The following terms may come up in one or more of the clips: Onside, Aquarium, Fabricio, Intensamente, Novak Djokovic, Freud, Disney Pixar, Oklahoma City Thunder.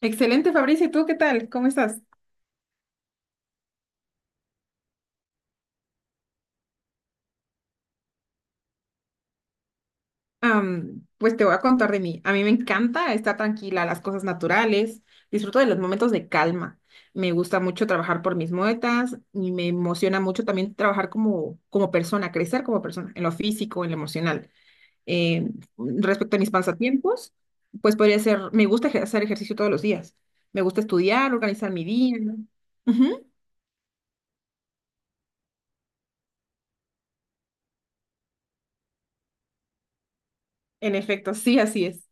Excelente, Fabricio. ¿Y tú qué tal? ¿Cómo estás? Pues te voy a contar de mí. A mí me encanta estar tranquila, las cosas naturales. Disfruto de los momentos de calma. Me gusta mucho trabajar por mis metas y me emociona mucho también trabajar como persona, crecer como persona, en lo físico, en lo emocional. Eh, Respecto a mis pasatiempos, pues podría ser, me gusta hacer ejercicio todos los días. Me gusta estudiar, organizar mi día, ¿no? Ujú. En efecto, sí, así es.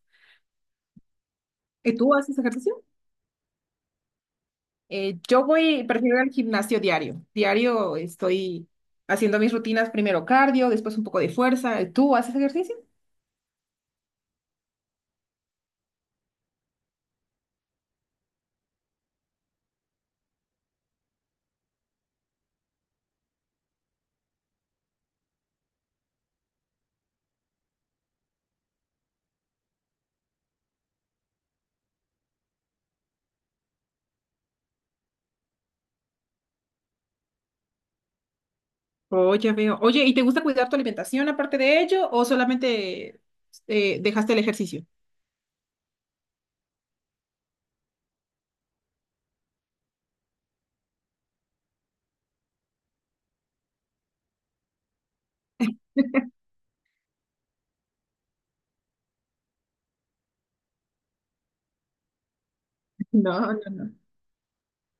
¿Y tú haces ejercicio? Yo voy, prefiero ir al gimnasio diario. Diario estoy haciendo mis rutinas, primero cardio, después un poco de fuerza. ¿Tú haces ejercicio? Oh, ya veo. Oye, ¿y te gusta cuidar tu alimentación aparte de ello o solamente dejaste el ejercicio? No, no, no.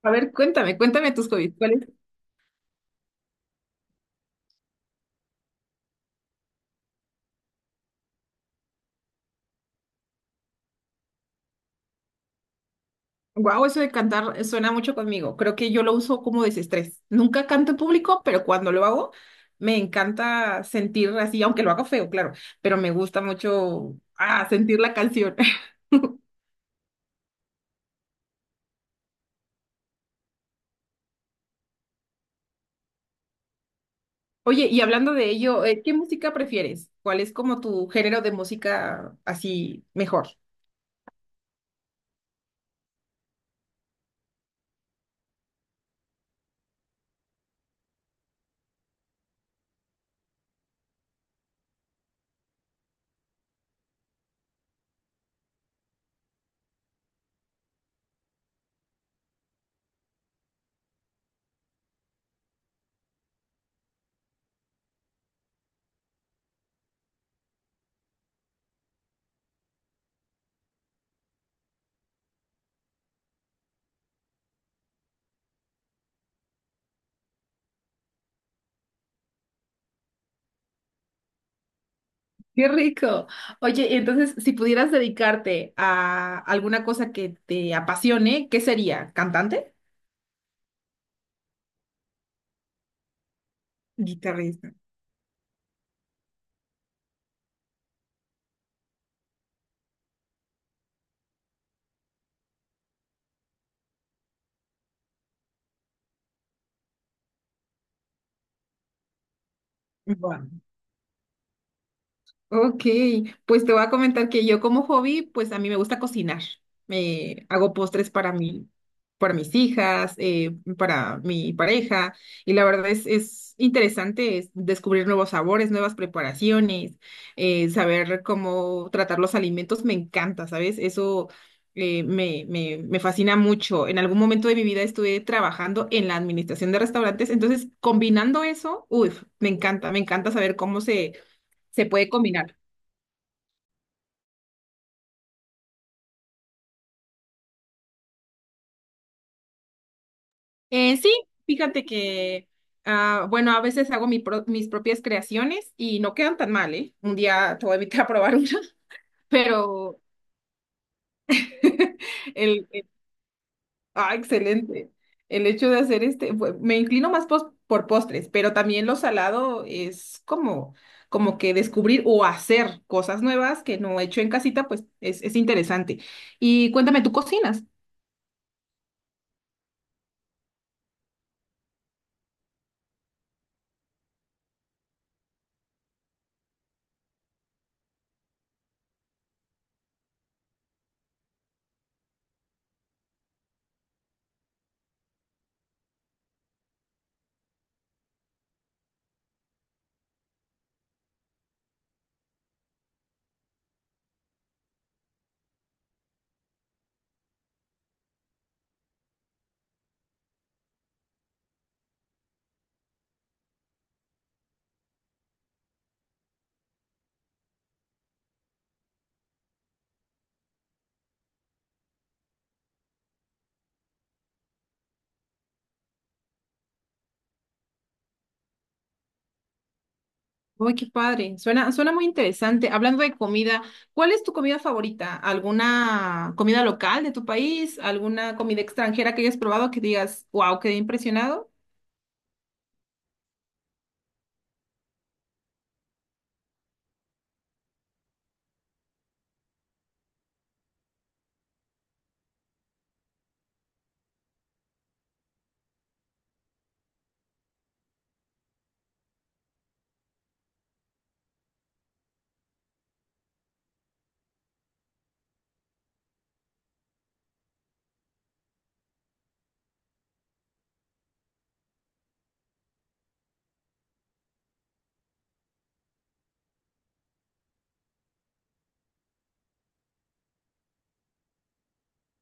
A ver, cuéntame, cuéntame tus hobbies. Wow, eso de cantar suena mucho conmigo. Creo que yo lo uso como desestrés. Nunca canto en público, pero cuando lo hago, me encanta sentir así, aunque lo haga feo, claro, pero me gusta mucho sentir la canción. Oye, y hablando de ello, ¿qué música prefieres? ¿Cuál es como tu género de música así mejor? Qué rico. Oye, y entonces, si pudieras dedicarte a alguna cosa que te apasione, ¿qué sería? ¿Cantante? Guitarrista. Guau. Ok, pues te voy a comentar que yo como hobby, pues a mí me gusta cocinar. Me hago postres para mí, para mis hijas, para mi pareja, y la es interesante es descubrir nuevos sabores, nuevas preparaciones, saber cómo tratar los alimentos, me encanta, ¿sabes? Me fascina mucho. En algún momento de mi vida estuve trabajando en la administración de restaurantes, entonces combinando eso, uff, me encanta saber se puede combinar. Sí, fíjate que, ah, bueno, a veces hago mis propias creaciones y no quedan tan mal, ¿eh? Un día te voy a invitar a probar una. Pero el, el- excelente. El hecho de hacer me inclino más por postres, pero también lo salado es como, como que descubrir o hacer cosas nuevas que no he hecho en casita, pues es interesante. Y cuéntame, ¿tú cocinas? Uy, qué padre. Suena, suena muy interesante. Hablando de comida, ¿cuál es tu comida favorita? ¿Alguna comida local de tu país? ¿Alguna comida extranjera que hayas probado que digas, wow, quedé impresionado?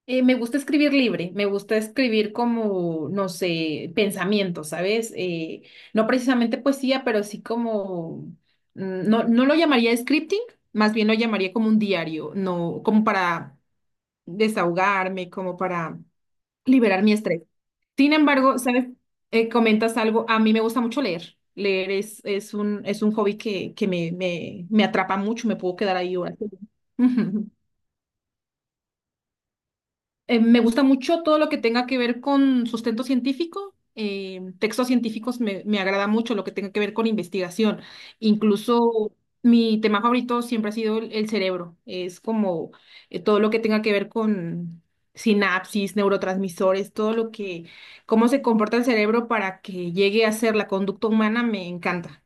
Me gusta escribir libre, me gusta escribir como, no sé, pensamientos, ¿sabes? No precisamente poesía, pero sí como, no, no lo llamaría scripting, más bien lo llamaría como un diario, no, como para desahogarme, como para liberar mi estrés. Sin embargo, ¿sabes? Comentas algo, a mí me gusta mucho leer. Leer es un hobby que me atrapa mucho, me puedo quedar ahí horas. Me gusta mucho todo lo que tenga que ver con sustento científico. Textos científicos me agrada mucho lo que tenga que ver con investigación. Incluso mi tema favorito siempre ha sido el cerebro. Es como todo lo que tenga que ver con sinapsis, neurotransmisores, todo lo que, cómo se comporta el cerebro para que llegue a ser la conducta humana, me encanta.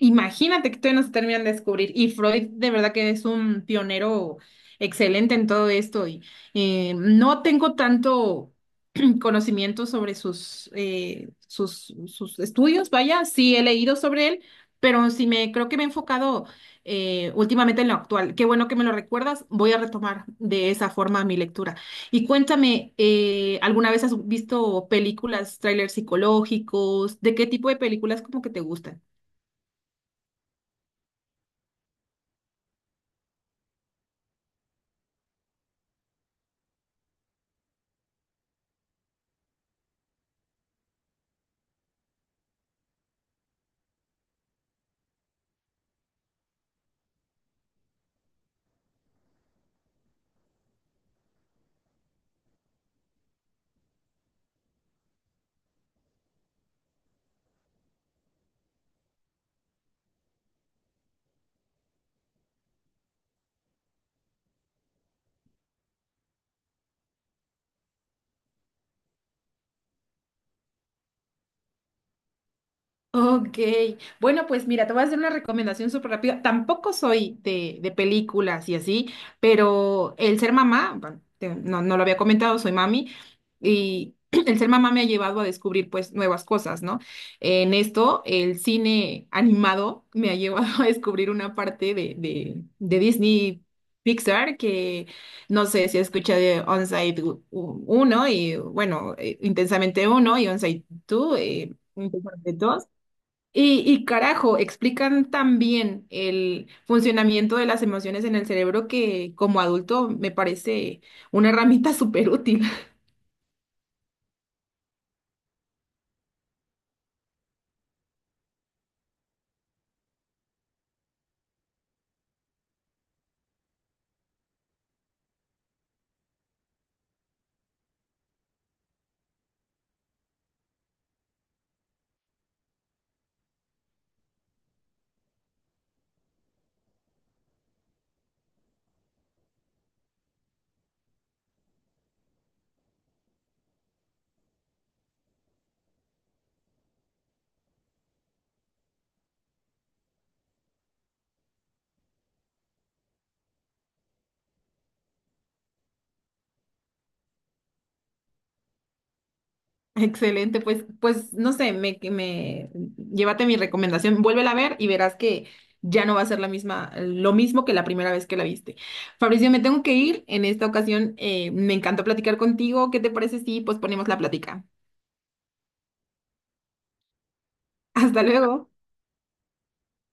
Imagínate que todavía no se terminan de descubrir. Y Freud de verdad que es un pionero excelente en todo esto. Y no tengo tanto conocimiento sobre sus estudios, vaya, sí he leído sobre él, pero sí me creo que me he enfocado últimamente en lo actual. Qué bueno que me lo recuerdas, voy a retomar de esa forma mi lectura. Y cuéntame, ¿alguna vez has visto películas, trailers psicológicos? ¿De qué tipo de películas como que te gustan? Ok, bueno, pues mira, te voy a hacer una recomendación súper rápida. Tampoco soy de películas y así, pero el ser mamá, no, no lo había comentado, soy mami, y el ser mamá me ha llevado a descubrir pues nuevas cosas, ¿no? En esto, el cine animado me ha llevado a descubrir una parte de Disney Pixar que no sé si escucha de Onside uno y bueno, Intensamente uno y Onside 2, Intensamente dos y carajo, explican tan bien el funcionamiento de las emociones en el cerebro que como adulto me parece una herramienta súper útil. Excelente, pues, pues no sé, me, que me llévate mi recomendación, vuélvela a ver y verás que ya no va a ser la misma, lo mismo que la primera vez que la viste. Fabricio, me tengo que ir. En esta ocasión, me encantó platicar contigo. ¿Qué te parece si pues ponemos la plática? Hasta luego.